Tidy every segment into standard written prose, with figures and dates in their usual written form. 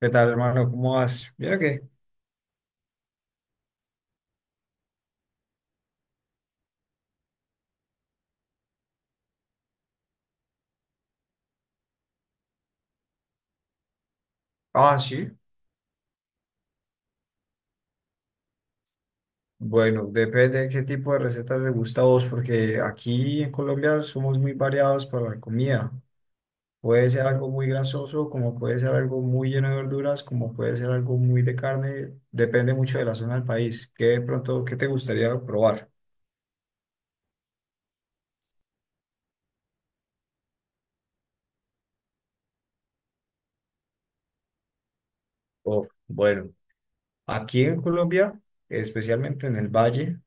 ¿Qué tal, hermano? ¿Cómo vas? Mira que. Ah, sí. Bueno, depende de qué tipo de recetas te gusta a vos, porque aquí en Colombia somos muy variados para la comida. Puede ser algo muy grasoso, como puede ser algo muy lleno de verduras, como puede ser algo muy de carne. Depende mucho de la zona del país. ¿Qué de pronto, qué te gustaría probar? Oh, bueno. Aquí en Colombia, especialmente en el Valle,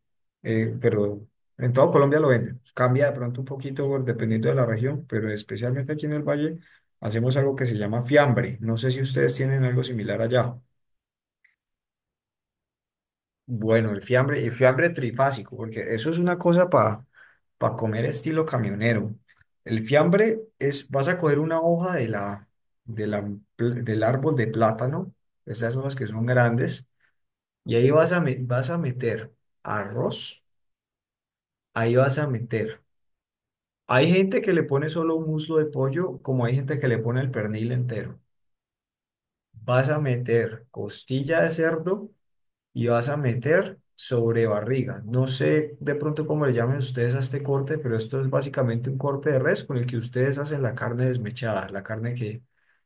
pero en todo Colombia lo venden. Cambia de pronto un poquito dependiendo de la región, pero especialmente aquí en el Valle hacemos algo que se llama fiambre. No sé si ustedes tienen algo similar allá. Bueno, el fiambre trifásico, porque eso es una cosa para comer estilo camionero. El fiambre es, vas a coger una hoja de la, del árbol de plátano, esas hojas que son grandes. Y ahí vas a meter arroz, ahí vas a meter. Hay gente que le pone solo un muslo de pollo, como hay gente que le pone el pernil entero. Vas a meter costilla de cerdo y vas a meter sobre barriga. No sé de pronto cómo le llamen ustedes a este corte, pero esto es básicamente un corte de res con el que ustedes hacen la carne desmechada,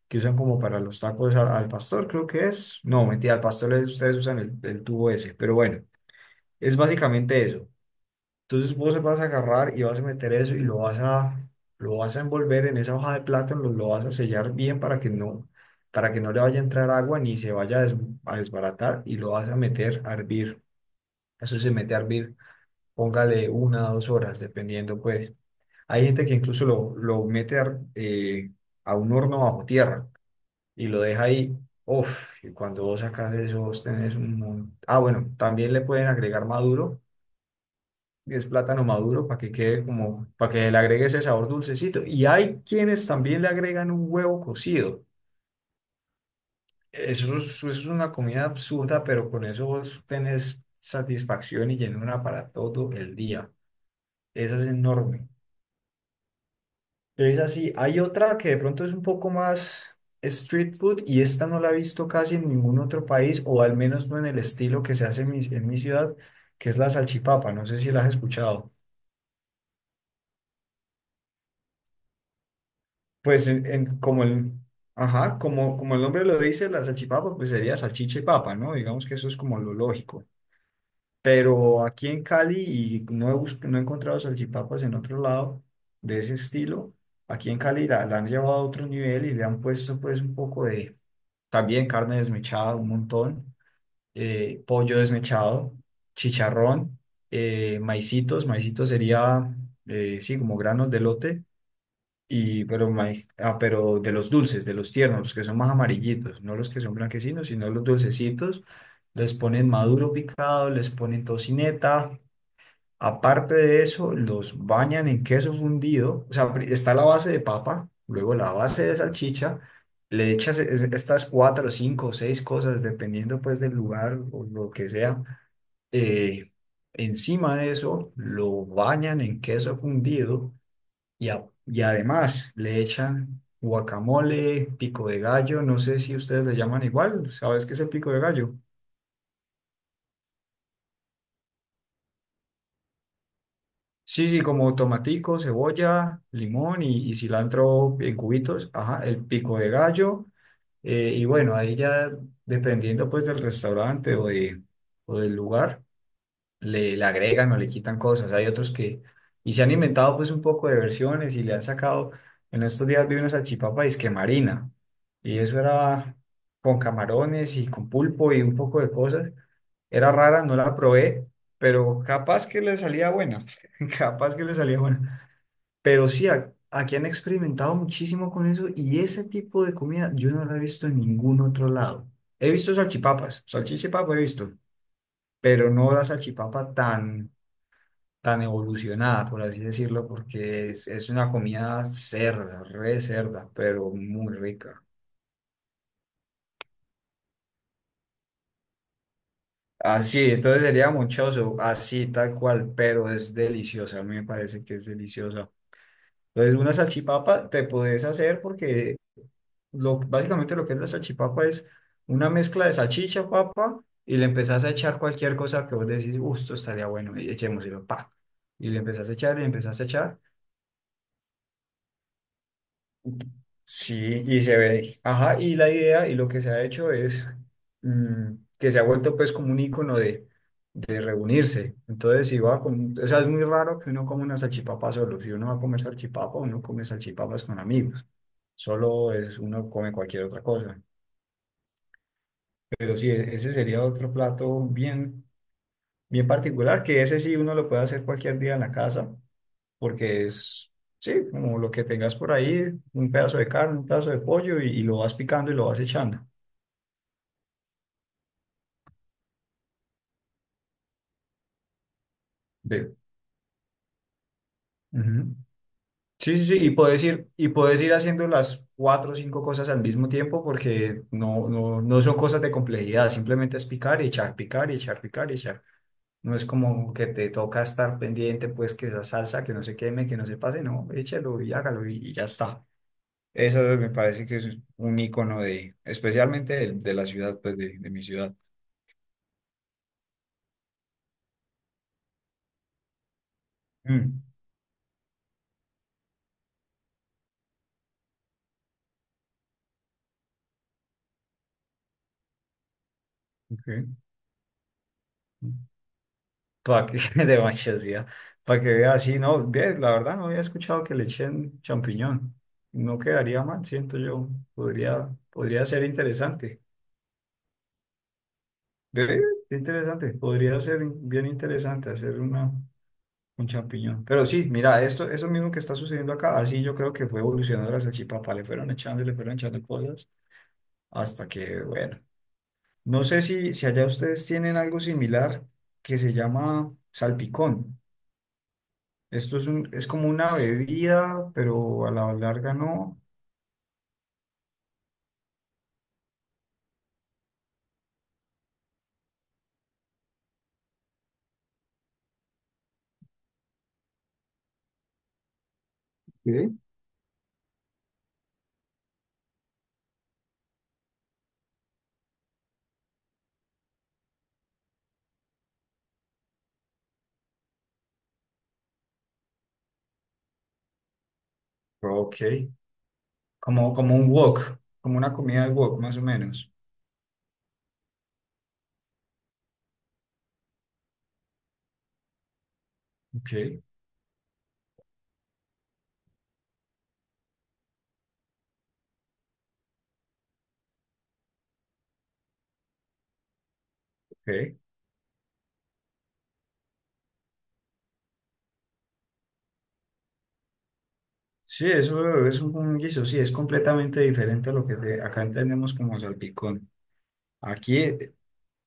que usan como para los tacos al pastor, creo que es. No, mentira, ustedes usan el tubo ese, pero bueno, es básicamente eso. Entonces vos vas a agarrar y vas a meter eso y lo vas a envolver en esa hoja de plátano, lo vas a sellar bien para que no le vaya a entrar agua ni se vaya a desbaratar y lo vas a meter a hervir. Eso se mete a hervir, póngale una o dos horas, dependiendo pues. Hay gente que incluso lo mete a un horno bajo tierra y lo deja ahí. Uf, y cuando vos sacas eso, vos tenés un... Ah, bueno, también le pueden agregar maduro y es plátano maduro para que quede como, para que le agregue ese sabor dulcecito. Y hay quienes también le agregan un huevo cocido. Eso es una comida absurda, pero con eso vos tenés satisfacción y llenura para todo el día. Esa es enorme. Es así. Hay otra que de pronto es un poco más street food y esta no la he visto casi en ningún otro país, o al menos no en el estilo que se hace en mi ciudad, que es la salchipapa. No sé si la has escuchado. Pues como el, ajá, como el nombre lo dice, la salchipapa, pues sería salchicha y papa, ¿no? Digamos que eso es como lo lógico. Pero aquí en Cali, y no he encontrado salchipapas en otro lado de ese estilo, aquí en Cali la han llevado a otro nivel y le han puesto pues un poco de, también carne desmechada, un montón, pollo desmechado, chicharrón, maicitos, sí, como granos de lote y, pero, maíz, ah, pero de los dulces, de los tiernos, los que son más amarillitos, no los que son blanquecinos, sino los dulcecitos, les ponen maduro picado, les ponen tocineta. Aparte de eso, los bañan en queso fundido. O sea, está la base de papa, luego la base de salchicha. Le echas estas cuatro, cinco o seis cosas, dependiendo pues del lugar o lo que sea. Eh, encima de eso, lo bañan en queso fundido y, y además le echan guacamole, pico de gallo, no sé si ustedes le llaman igual, ¿sabes qué es el pico de gallo? Sí, sí, como tomatico, cebolla, limón y cilantro en cubitos, ajá, el pico de gallo, y bueno, ahí ya dependiendo pues del restaurante o, de, o del lugar le agregan o le quitan cosas. Y se han inventado pues un poco de versiones y le han sacado, en estos días vi una salchipapa disque marina, y eso era con camarones y con pulpo y un poco de cosas. Era rara, no la probé, pero capaz que le salía buena, capaz que le salía buena. Pero sí, aquí han experimentado muchísimo con eso y ese tipo de comida yo no la he visto en ningún otro lado. He visto salchipapas, salchichipapa he visto, pero no la salchipapa tan evolucionada, por así decirlo, porque es una comida cerda, re cerda, pero muy rica. Así, entonces sería mochoso, así, tal cual, pero es deliciosa, a mí me parece que es deliciosa. Entonces, una salchipapa te puedes hacer porque básicamente lo que es la salchipapa es una mezcla de salchicha, papa, y le empezás a echar cualquier cosa que vos decís, gusto, estaría bueno, y echémoslo, pa. Y le empezás a echar, y le empezás a echar. Sí, y se ve, ajá, y la idea y lo que se ha hecho es que se ha vuelto pues como un icono de reunirse. Entonces, si va con, o sea, es muy raro que uno coma una salchipapa solo. Si uno va a comer salchipapa, uno come salchipapas con amigos. Solo es, uno come cualquier otra cosa. Pero sí, ese sería otro plato bien, bien particular, que ese sí uno lo puede hacer cualquier día en la casa, porque es, sí, como lo que tengas por ahí, un pedazo de carne, un pedazo de pollo y lo vas picando y lo vas echando. Sí. Ujú. Sí, sí, sí, y puedes ir haciendo las cuatro o cinco cosas al mismo tiempo porque no, no, no son cosas de complejidad, simplemente es picar y echar, picar y echar, picar y echar. No es como que te toca estar pendiente, pues que la salsa, que no se queme, que no se pase, no, échalo y hágalo y ya está. Eso me parece que es un icono de, especialmente de la ciudad, pues de mi ciudad. Mm, ok. Para que, demasiado, para que vea así, no, bien, la verdad no había escuchado que le echen champiñón. No quedaría mal, siento yo. Podría ser interesante. Ve, interesante, podría ser bien interesante un champiñón. Pero sí, mira, esto, eso mismo que está sucediendo acá, así yo creo que fue evolucionando la salchipapa, le fueron echando cosas, hasta que, bueno. No sé si allá ustedes tienen algo similar que se llama salpicón. Esto es un, es como una bebida, pero a la larga no. ¿Sí? Ok. Como, como un wok, como una comida de wok, más o menos. Ok, ok. Sí, eso es un guiso, sí, es completamente diferente a lo acá entendemos como salpicón. Aquí,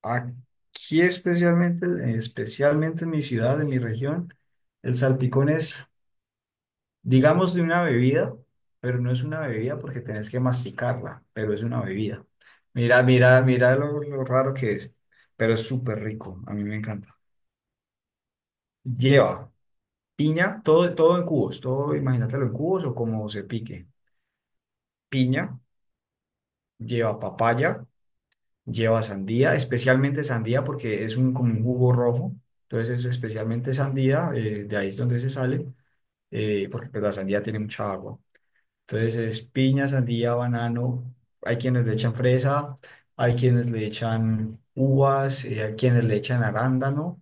aquí especialmente, especialmente en mi ciudad, en mi región, el salpicón es digamos de una bebida, pero no es una bebida porque tenés que masticarla, pero es una bebida. Mira, mira, mira lo raro que es, pero es súper rico, a mí me encanta. Lleva piña, todo, todo en cubos, todo imagínatelo en cubos o como se pique. Piña, lleva papaya, lleva sandía, especialmente sandía porque es un, como un jugo rojo, entonces es especialmente sandía, de ahí es donde se sale, porque pues, la sandía tiene mucha agua. Entonces es piña, sandía, banano. Hay quienes le echan fresa, hay quienes le echan uvas, hay quienes le echan arándano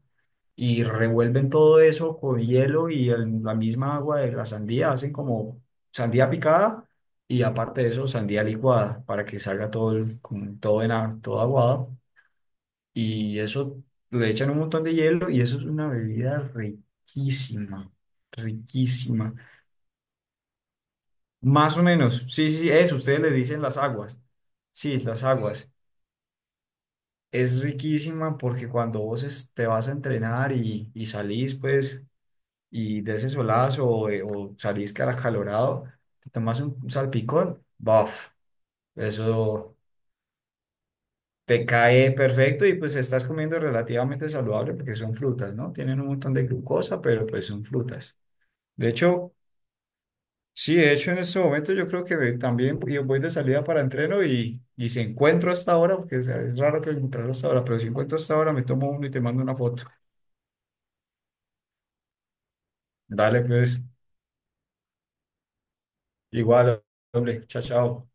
y revuelven todo eso con hielo y la misma agua de la sandía. Hacen como sandía picada y aparte de eso sandía licuada para que salga todo, el- como todo, en, a- todo aguado. Y eso le echan un montón de hielo y eso es una bebida riquísima, riquísima. Más o menos, sí, sí, sí, eso, ustedes le dicen las aguas. Sí, las aguas. Es riquísima porque cuando te vas a entrenar y salís, pues, y de ese solazo o salís que al te tomas un salpicón, ¡buf! Eso te cae perfecto y pues estás comiendo relativamente saludable porque son frutas, ¿no? Tienen un montón de glucosa, pero pues son frutas. De hecho, sí, de hecho en este momento yo creo también yo voy de salida para entreno y si encuentro hasta ahora, porque o sea, es raro que encontrarlo hasta ahora, pero si encuentro hasta ahora me tomo uno y te mando una foto. Dale, pues, igual, hombre, chao, chao.